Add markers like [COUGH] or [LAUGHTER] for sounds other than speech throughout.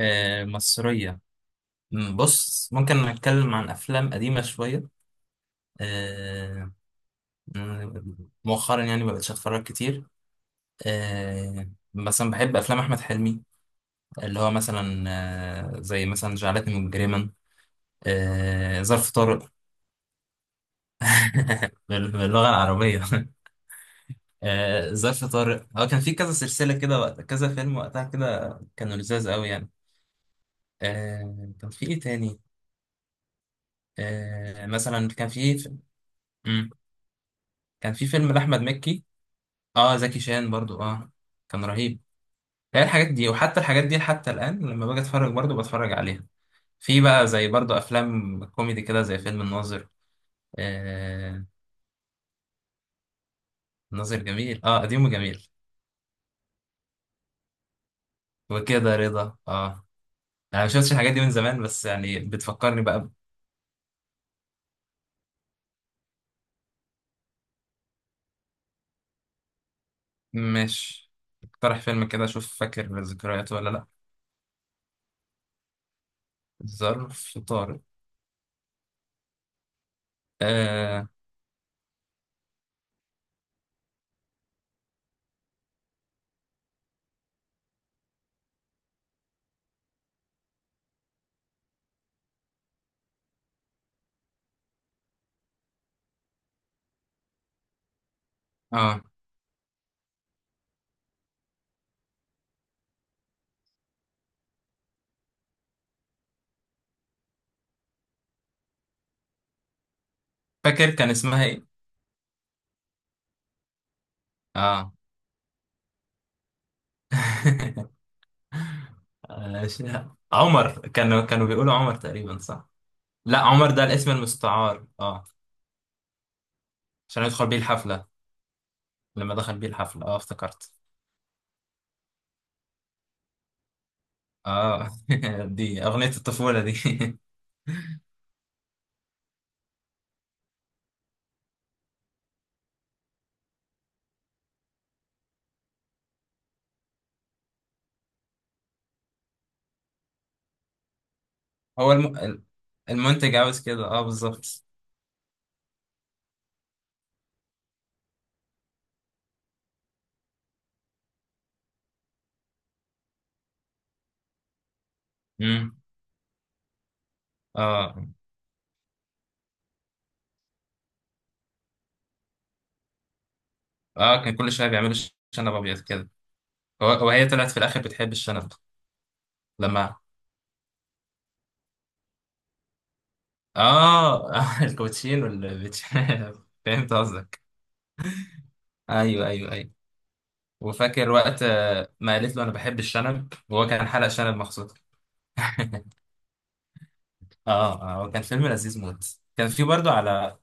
آه، مصرية. بص، ممكن نتكلم عن أفلام قديمة شوية. آه، مم، مؤخرا يعني ما بقتش أتفرج كتير. مثلا بحب أفلام أحمد حلمي، اللي هو مثلا زي مثلا جعلتني مجرما، ظرف طارق. باللغة العربية [LAUGHS] ظرف طارق، هو كان في كذا سلسلة كده، وقت كذا فيلم وقتها كده كانوا لذاذ قوي يعني. كان في إيه تاني؟ مثلا كان في. مم، كان في فيلم لأحمد مكي. اه، زكي شان برضو، اه. كان رهيب. هي الحاجات دي، وحتى الحاجات دي حتى الآن، لما باجي اتفرج برضو بتفرج عليها. في بقى زي برضو أفلام كوميدي كده، زي فيلم الناظر. آه. الناظر جميل، اه، قديم وجميل. وكده رضا، اه. أنا ما شفتش الحاجات دي من زمان، بس يعني بتفكرني بقى. ماشي. اقترح فيلم كده أشوف فاكر ذكرياته ولا لأ؟ ظرف طارق. آه اه فاكر كان اسمها إيه؟ اه. [LAUGHS] عمر، كانوا بيقولوا عمر تقريبا، صح؟ لا، عمر ده الاسم المستعار، اه. عشان يدخل بيه الحفلة. لما دخل بيه الحفلة، اه، افتكرت. اه. [LAUGHS] دي أغنية الطفولة دي [LAUGHS] هو الم... المنتج عاوز كده، اه، بالظبط. امم. اه، اه، كان كل شوية بيعملوا شنب أبيض كده. وهي طلعت في الآخر بتحب الشنب. لما. اه. [LAUGHS] الكوتشين والبيتش [LAUGHS] فهمت قصدك. ايوه، ايوه، ايوه. وفاكر وقت ما قالت له انا بحب الشنب، وهو كان حلق شنب مخصوص. [LAUGHS] اه، اه، هو كان فيلم لذيذ موت، كان في برضو على.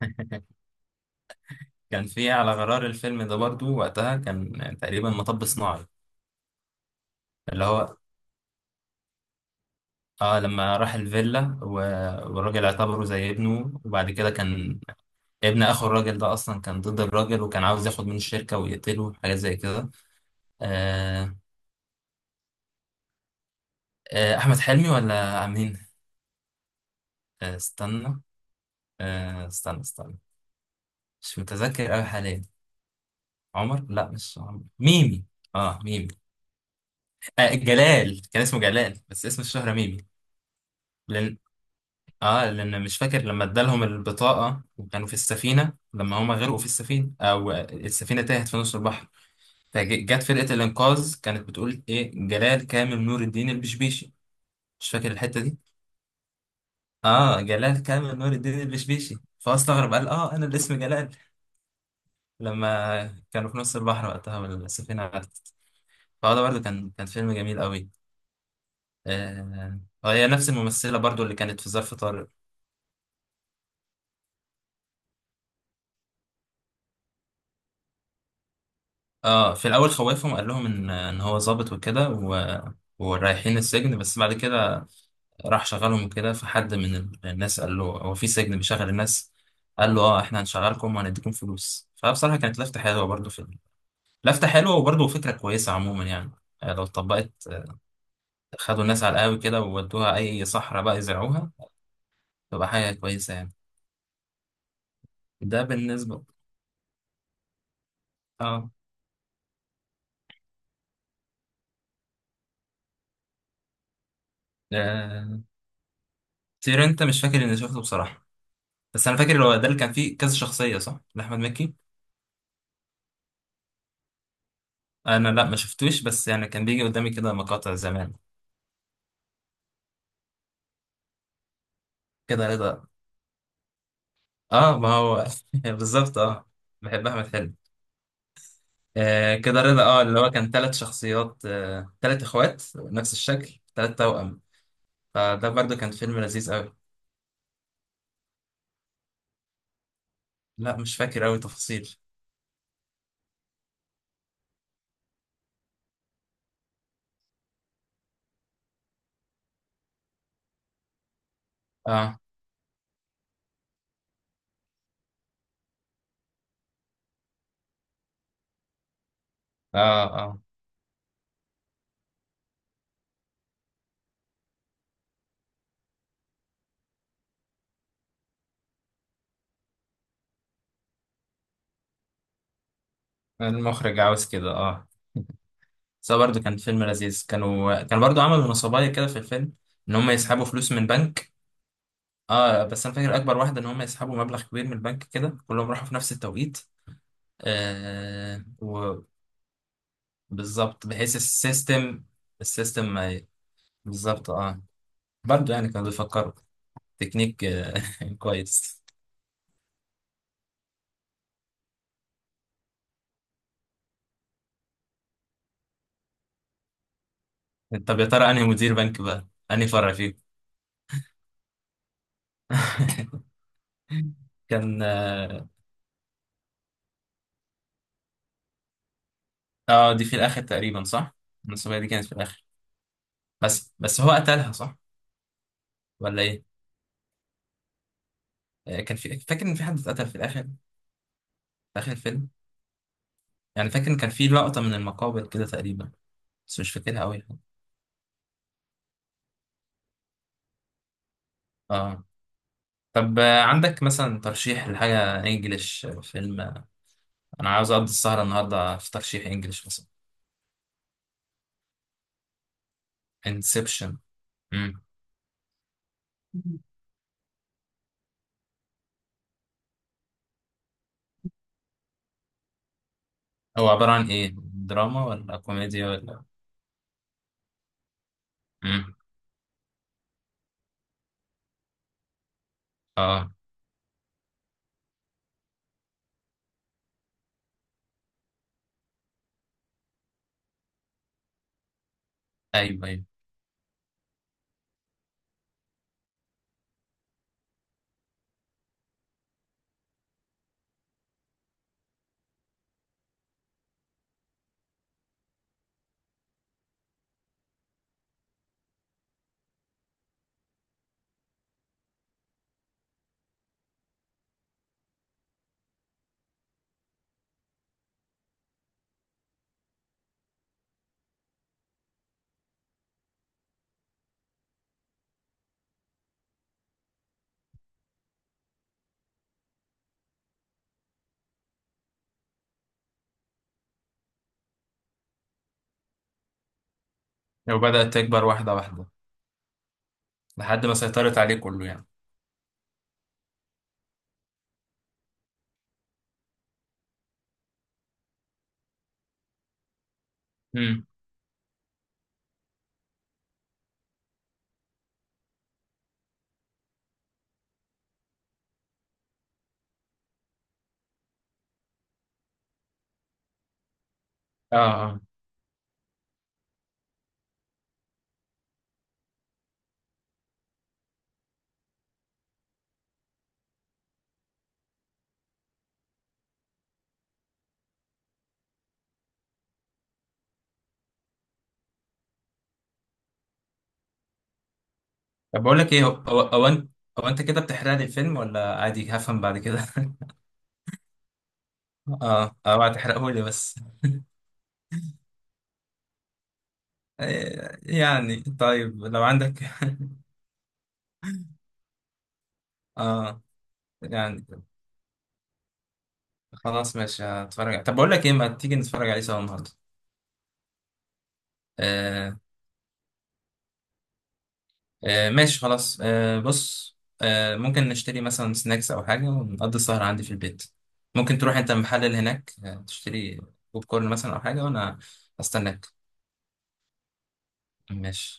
[LAUGHS] كان في على غرار الفيلم ده برضو، وقتها كان تقريبا مطب صناعي. اللي هو، اه، لما راح الفيلا والراجل اعتبره زي ابنه، وبعد كده كان ابن اخو الراجل ده اصلا كان ضد الراجل، وكان عاوز ياخد من الشركة ويقتله، حاجة زي كده. آه، آه، احمد حلمي ولا مين؟ استنى، استنى استنى، مش متذكر قوي حاليا. عمر، لا، مش عمر، ميمي. اه، ميمي. جلال، كان اسمه جلال، بس اسم الشهرة ميمي. لأن اه لأن مش فاكر، لما ادالهم البطاقة وكانوا في السفينة، لما هما غرقوا في السفينة أو السفينة تاهت في نص البحر، فجت فرقة الإنقاذ كانت بتقول إيه، جلال كامل نور الدين البشبيشي. مش فاكر الحتة دي. اه، جلال كامل نور الدين البشبيشي، فهو استغرب قال اه أنا اللي اسمي جلال. لما كانوا في نص البحر وقتها والسفينة غرقت. فهو ده برضه كان فيلم جميل قوي. آه هي نفس الممثلة برضو اللي كانت في ظرف طارق. اه، في الاول خوفهم قال لهم ان هو ظابط وكده ورايحين السجن، بس بعد كده راح شغلهم كده، فحد من الناس قال له هو في سجن بيشغل الناس. قال له اه احنا هنشغلكم وهنديكم فلوس، فبصراحة كانت لفتة حلوة برضو في لفتة حلوة، وبرضو فكرة كويسة عموما يعني، لو اتطبقت، خدوا الناس على القهوة كده وودوها اي صحراء بقى يزرعوها، تبقى حاجة كويسة يعني. ده بالنسبة. اه، آه، تير انت مش فاكر اني شفته بصراحة بس انا فاكر هو ده اللي كان فيه كذا شخصية صح لأحمد مكي انا لا ما شفتوش بس يعني كان بيجي قدامي كده مقاطع زمان كده رضا اه ما هو [LAUGHS] بالظبط اه بحب احمد حلمي آه كده رضا اه اللي هو كان ثلاث شخصيات آه ثلاث اخوات نفس الشكل ثلاث توأم فده برضو كان فيلم لذيذ قوي لا مش فاكر قوي تفاصيل اه اه اه المخرج عاوز كده اه بس هو برضو كان فيلم لذيذ كانوا كان برضو عملوا نصبايا كده في الفيلم ان هم يسحبوا فلوس من بنك اه بس انا فاكر اكبر واحده ان هم يسحبوا مبلغ كبير من البنك كده كلهم راحوا في نفس التوقيت آه وبالظبط بحيث السيستم السيستم ما ي- بالظبط اه برضه يعني كانوا بيفكروا تكنيك آه [LAUGHS] كويس طب يا ترى انهي مدير بنك بقى انهي فرع فيكم [LAUGHS] كان اه آه، دي في الاخر تقريبا صح المسؤوليه دي كانت في الاخر بس بس هو قتلها صح ولا ايه آه كان في فاكر ان في حد اتقتل في الاخر في اخر الفيلم يعني فاكر إن كان في لقطه من المقابر كده تقريبا بس مش فاكرها قوي اه طب عندك مثلا ترشيح لحاجة انجليش فيلم؟ انا عاوز اقضي السهرة النهاردة في ترشيح انجليش مثلا. انسبشن. امم. هو عبارة عن ايه، دراما ولا كوميديا ولا؟ امم. اه، ايوه، ايوه. لو بدأت تكبر واحدة واحدة. لحد ما سيطرت عليه كله يعني. امم. اه، اه، طب بقول لك ايه، هو انت كده بتحرق لي الفيلم ولا عادي هفهم بعد كده؟ [LAUGHS] اه، اوعى تحرقه لي بس. [LAUGHS] إيه، يعني طيب لو عندك [LAUGHS] اه، يعني خلاص ماشي هتفرج، طب بقول لك ايه، ما تيجي نتفرج عليه سوا النهارده. آه، آه، ماشي خلاص، بص، ممكن نشتري مثلا سناكس او حاجه، ونقضي السهر عندي في البيت. ممكن تروح انت المحل اللي هناك، تشتري بوب كورن مثلا او حاجه، وانا استناك. ماشي.